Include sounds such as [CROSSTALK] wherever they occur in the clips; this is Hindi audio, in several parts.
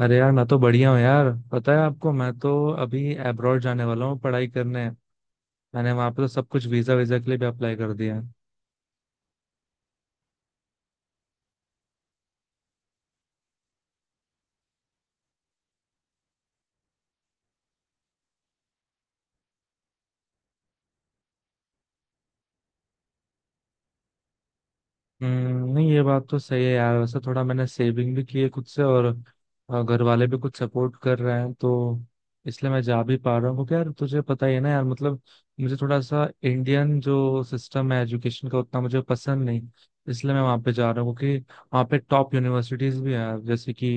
अरे यार, मैं तो बढ़िया हूँ यार। पता है आपको, मैं तो अभी अब्रॉड जाने वाला हूँ पढ़ाई करने। मैंने वहां पे तो सब कुछ वीजा वीजा के लिए भी अप्लाई कर दिया है। नहीं ये बात तो सही है यार। वैसे थोड़ा मैंने सेविंग भी की है खुद से, और घर वाले भी कुछ सपोर्ट कर रहे हैं। तो इसलिए मैं जा भी पा रहा हूँ क्योंकि यार तुझे पता ही है ना यार, मतलब मुझे थोड़ा सा इंडियन जो सिस्टम है एजुकेशन का, उतना मुझे पसंद नहीं। इसलिए मैं वहाँ पे जा रहा हूँ क्योंकि वहाँ पे टॉप यूनिवर्सिटीज भी हैं, जैसे कि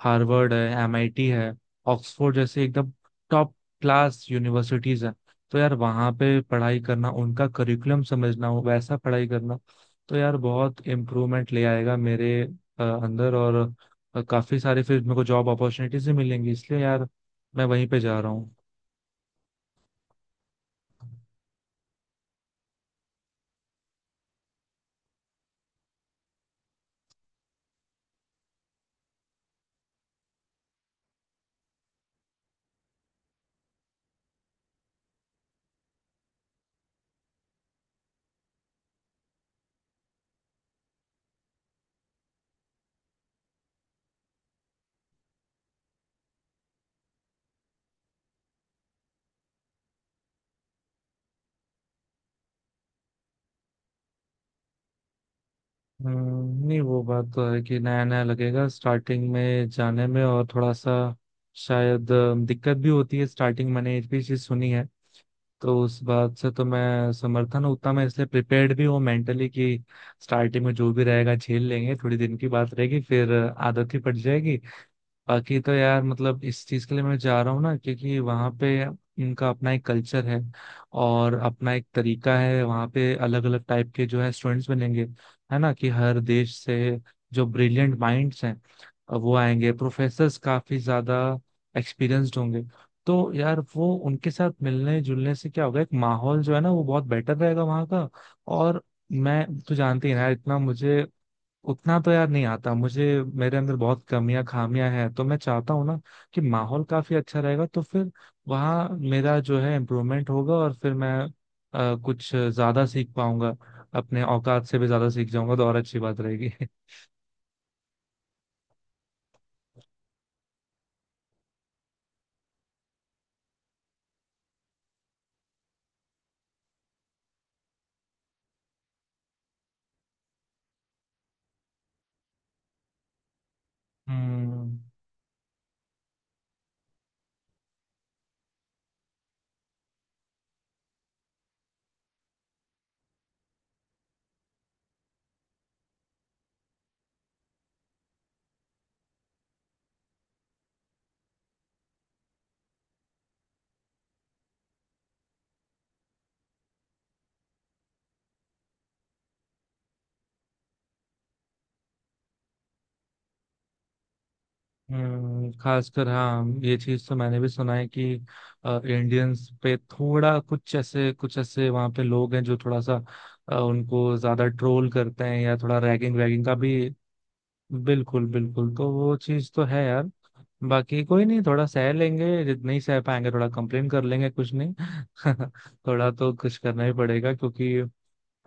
हार्वर्ड है, एमआईटी है, ऑक्सफोर्ड, जैसे एकदम टॉप क्लास यूनिवर्सिटीज हैं। तो यार वहाँ पे पढ़ाई करना, उनका करिकुलम समझना, वैसा पढ़ाई करना तो यार बहुत इम्प्रूवमेंट ले आएगा मेरे अंदर। और काफी सारे फिर मेरे को जॉब अपॉर्चुनिटीज भी मिलेंगी, इसलिए यार मैं वहीं पे जा रहा हूँ। नहीं वो बात तो है कि नया नया लगेगा स्टार्टिंग में जाने में, और थोड़ा सा शायद दिक्कत भी होती है स्टार्टिंग। मैंने एक भी चीज सुनी है, तो उस बात से तो मैं समर्थन हूँ। उतना मैं इसलिए प्रिपेयर्ड भी हूँ मेंटली, कि स्टार्टिंग में जो भी रहेगा झेल लेंगे, थोड़ी दिन की बात रहेगी, फिर आदत ही पड़ जाएगी। बाकी तो यार मतलब इस चीज के लिए मैं जा रहा हूँ ना, क्योंकि वहाँ पे इनका अपना एक कल्चर है और अपना एक तरीका है। वहाँ पे अलग अलग टाइप के जो है स्टूडेंट्स बनेंगे, है ना, कि हर देश से जो ब्रिलियंट माइंड्स हैं वो आएंगे। प्रोफेसर्स काफी ज्यादा एक्सपीरियंस्ड होंगे। तो यार वो उनके साथ मिलने जुलने से क्या होगा, एक माहौल जो है ना, वो बहुत बेटर रहेगा वहाँ का। और मैं तो जानते ही ना यार, इतना मुझे उतना तो यार नहीं आता। मुझे मेरे अंदर बहुत कमियां खामियां हैं, तो मैं चाहता हूँ ना कि माहौल काफी अच्छा रहेगा, तो फिर वहाँ मेरा जो है इम्प्रूवमेंट होगा और फिर मैं कुछ ज्यादा सीख पाऊंगा, अपने औकात से भी ज्यादा सीख जाऊंगा, तो और अच्छी बात रहेगी। [LAUGHS] हम्म। खासकर हाँ ये चीज तो मैंने भी सुना है कि इंडियंस पे थोड़ा कुछ ऐसे वहाँ पे लोग हैं जो थोड़ा सा उनको ज्यादा ट्रोल करते हैं या थोड़ा रैगिंग वैगिंग का भी। बिल्कुल बिल्कुल, तो वो चीज तो है यार। बाकी कोई नहीं, थोड़ा सह लेंगे जितना ही सह पाएंगे, थोड़ा कंप्लेन कर लेंगे, कुछ नहीं। [LAUGHS] थोड़ा तो कुछ करना ही पड़ेगा क्योंकि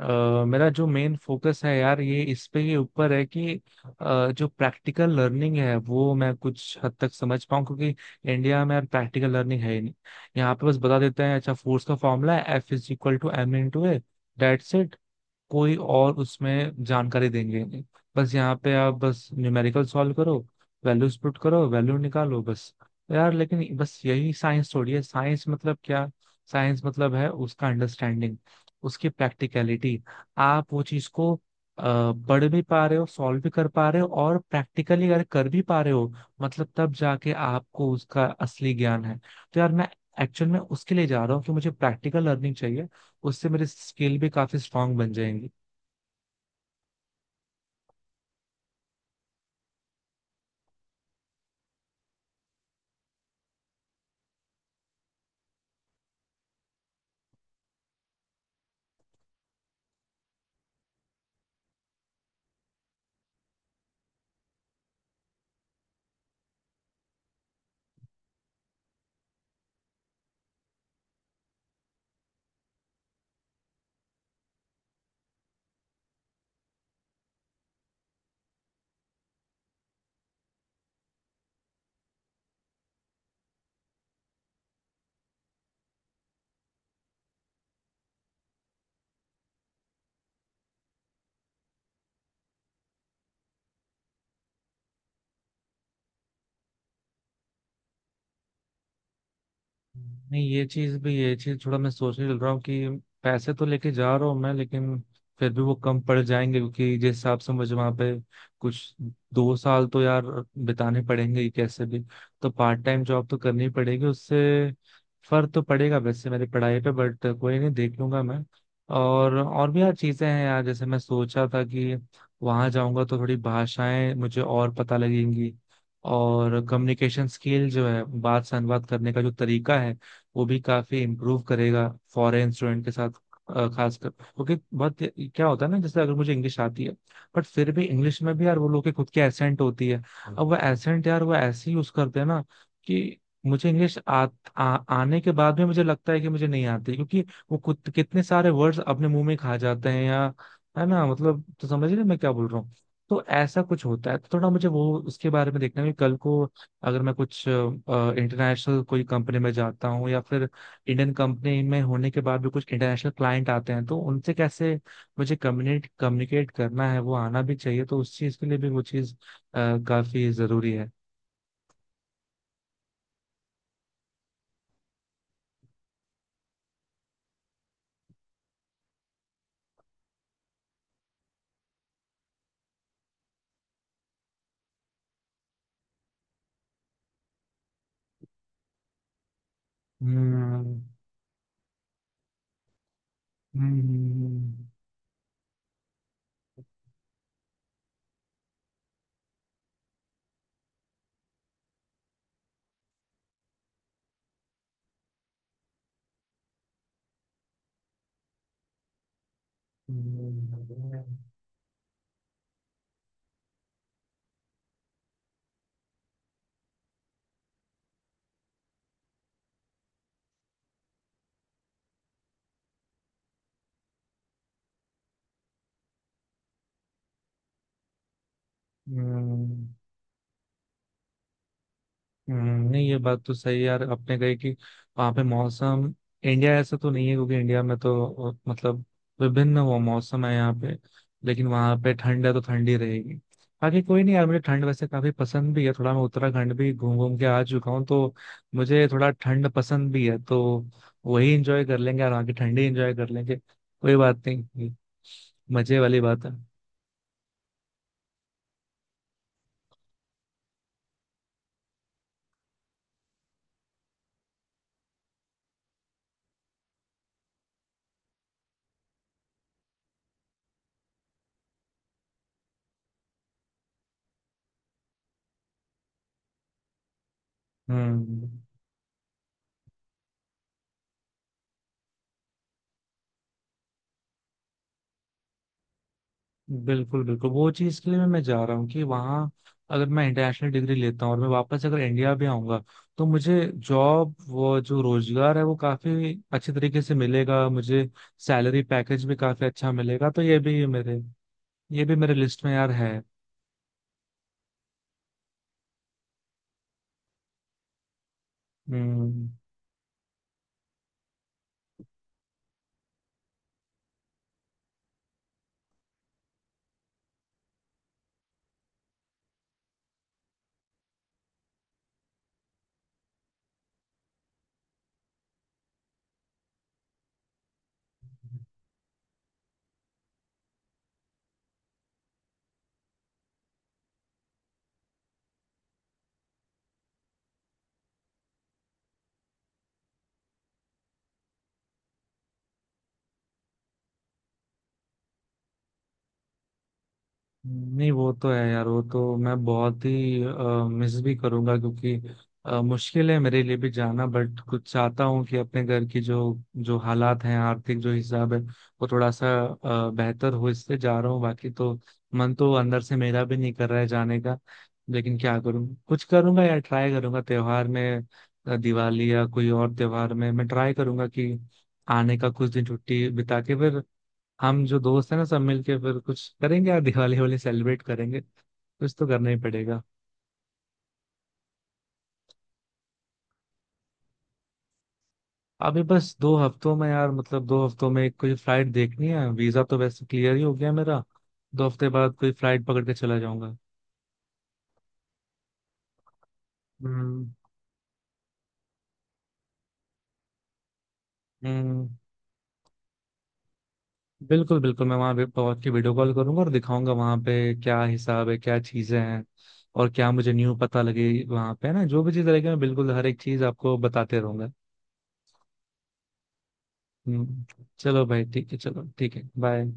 मेरा जो मेन फोकस है यार, ये इस पे ही ऊपर है कि जो प्रैक्टिकल लर्निंग है वो मैं कुछ हद तक समझ पाऊँ। क्योंकि इंडिया में यार प्रैक्टिकल लर्निंग है ही नहीं। यहाँ पे बस बता देते हैं, अच्छा फोर्स का फॉर्मूला है F is equal to M in to A, that's it. कोई और उसमें जानकारी देंगे नहीं। बस यहाँ पे आप बस न्यूमेरिकल सॉल्व करो, वैल्यूज पुट करो, वैल्यू निकालो, बस। यार लेकिन बस यही साइंस थोड़ी है। साइंस मतलब क्या, साइंस मतलब है उसका अंडरस्टैंडिंग, उसकी प्रैक्टिकलिटी। आप वो चीज को पढ़ भी पा रहे हो, सॉल्व भी कर पा रहे हो, और प्रैक्टिकली अगर कर भी पा रहे हो, मतलब तब जाके आपको उसका असली ज्ञान है। तो यार मैं एक्चुअल में उसके लिए जा रहा हूँ कि मुझे प्रैक्टिकल लर्निंग चाहिए, उससे मेरी स्किल भी काफी स्ट्रांग बन जाएंगी। नहीं ये चीज थोड़ा मैं सोचने लग रहा हूँ कि पैसे तो लेके जा रहा हूँ मैं, लेकिन फिर भी वो कम पड़ जाएंगे क्योंकि जिस हिसाब से मुझे वहां पे कुछ, 2 साल तो यार बिताने पड़ेंगे ही कैसे भी। तो पार्ट टाइम जॉब तो करनी पड़ेगी, उससे फर्क तो पड़ेगा वैसे मेरी पढ़ाई पे, बट कोई नहीं, देख लूंगा मैं। और भी यार चीजें हैं यार, जैसे मैं सोचा था कि वहां जाऊंगा तो थोड़ी भाषाएं मुझे और पता लगेंगी, और कम्युनिकेशन स्किल जो है, बात से अनुवाद करने का जो तरीका है, वो भी काफी इम्प्रूव करेगा फॉरेन स्टूडेंट के साथ। खासकर क्योंकि बहुत क्या होता है ना, जैसे अगर मुझे इंग्लिश आती है, बट फिर भी इंग्लिश में भी यार वो लोग के खुद की एसेंट होती है। अब वो एसेंट यार वो ऐसे यूज करते हैं ना, कि मुझे इंग्लिश आ, आ, आने के बाद में मुझे लगता है कि मुझे नहीं आती, क्योंकि वो खुद कितने सारे वर्ड्स अपने मुंह में खा जाते हैं। या, है ना, मतलब तो समझ रहे हैं मैं क्या बोल रहा हूँ। तो ऐसा कुछ होता है, तो थोड़ा मुझे वो उसके बारे में देखना है कि कल को अगर मैं कुछ इंटरनेशनल कोई कंपनी में जाता हूँ या फिर इंडियन कंपनी में होने के बाद भी कुछ इंटरनेशनल क्लाइंट आते हैं, तो उनसे कैसे मुझे कम्युनिकेट कम्युनिकेट करना है, वो आना भी चाहिए। तो उस चीज़ के लिए भी वो चीज़ काफी जरूरी है। हम्म। हम्म। हम्म, हम्म, हम्म, हम्म। नहीं ये बात तो सही है यार आपने कही कि वहाँ पे मौसम, इंडिया ऐसा तो नहीं है क्योंकि इंडिया में तो मतलब विभिन्न वो मौसम है यहाँ पे। लेकिन वहाँ पे ठंड है तो ठंडी रहेगी। बाकी कोई नहीं यार, मुझे ठंड वैसे काफी पसंद भी है, थोड़ा मैं उत्तराखंड भी घूम घूम के आ चुका हूँ, तो मुझे थोड़ा ठंड पसंद भी है। तो वही इंजॉय कर लेंगे, और वहाँ की ठंडी इंजॉय कर लेंगे, कोई बात नहीं, मजे वाली बात है। हम्म। बिल्कुल बिल्कुल, वो चीज के लिए मैं जा रहा हूँ कि वहाँ अगर मैं इंटरनेशनल डिग्री लेता हूँ और मैं वापस अगर इंडिया भी आऊंगा, तो मुझे जॉब, वो जो रोजगार है, वो काफी अच्छे तरीके से मिलेगा मुझे। सैलरी पैकेज भी काफी अच्छा मिलेगा, तो ये भी मेरे, ये भी मेरे लिस्ट में यार है। हम्म। नहीं वो तो है यार, वो तो मैं बहुत ही मिस भी करूंगा क्योंकि मुश्किल है मेरे लिए भी जाना, बट कुछ चाहता हूँ कि अपने घर की जो जो हालात हैं आर्थिक, जो हिसाब है, वो थोड़ा सा बेहतर हो, इससे जा रहा हूँ। बाकी तो मन तो अंदर से मेरा भी नहीं कर रहा है जाने का। लेकिन क्या करूँ, कुछ करूंगा यार, ट्राई करूंगा त्योहार में। दिवाली या कोई और त्योहार में मैं ट्राई करूंगा कि आने का, कुछ दिन छुट्टी बिता के, फिर हम जो दोस्त हैं ना सब मिलके फिर कुछ करेंगे यार, दिवाली वाली सेलिब्रेट करेंगे, कुछ तो करना ही पड़ेगा। अभी बस 2 हफ्तों में यार, मतलब 2 हफ्तों में कोई फ्लाइट देखनी है, वीजा तो वैसे क्लियर ही हो गया मेरा। 2 हफ्ते बाद कोई फ्लाइट पकड़ के चला जाऊंगा। हम्म। हम्म, बिल्कुल बिल्कुल, मैं वहां पे पहुंच के वीडियो कॉल करूंगा और दिखाऊंगा वहां पे क्या हिसाब है, क्या चीजें हैं और क्या मुझे न्यू पता लगे वहां पे। है ना, जो भी चीज रहेगी मैं बिल्कुल हर एक चीज आपको बताते रहूंगा। हम्म। चलो भाई, ठीक है, चलो ठीक है, बाय।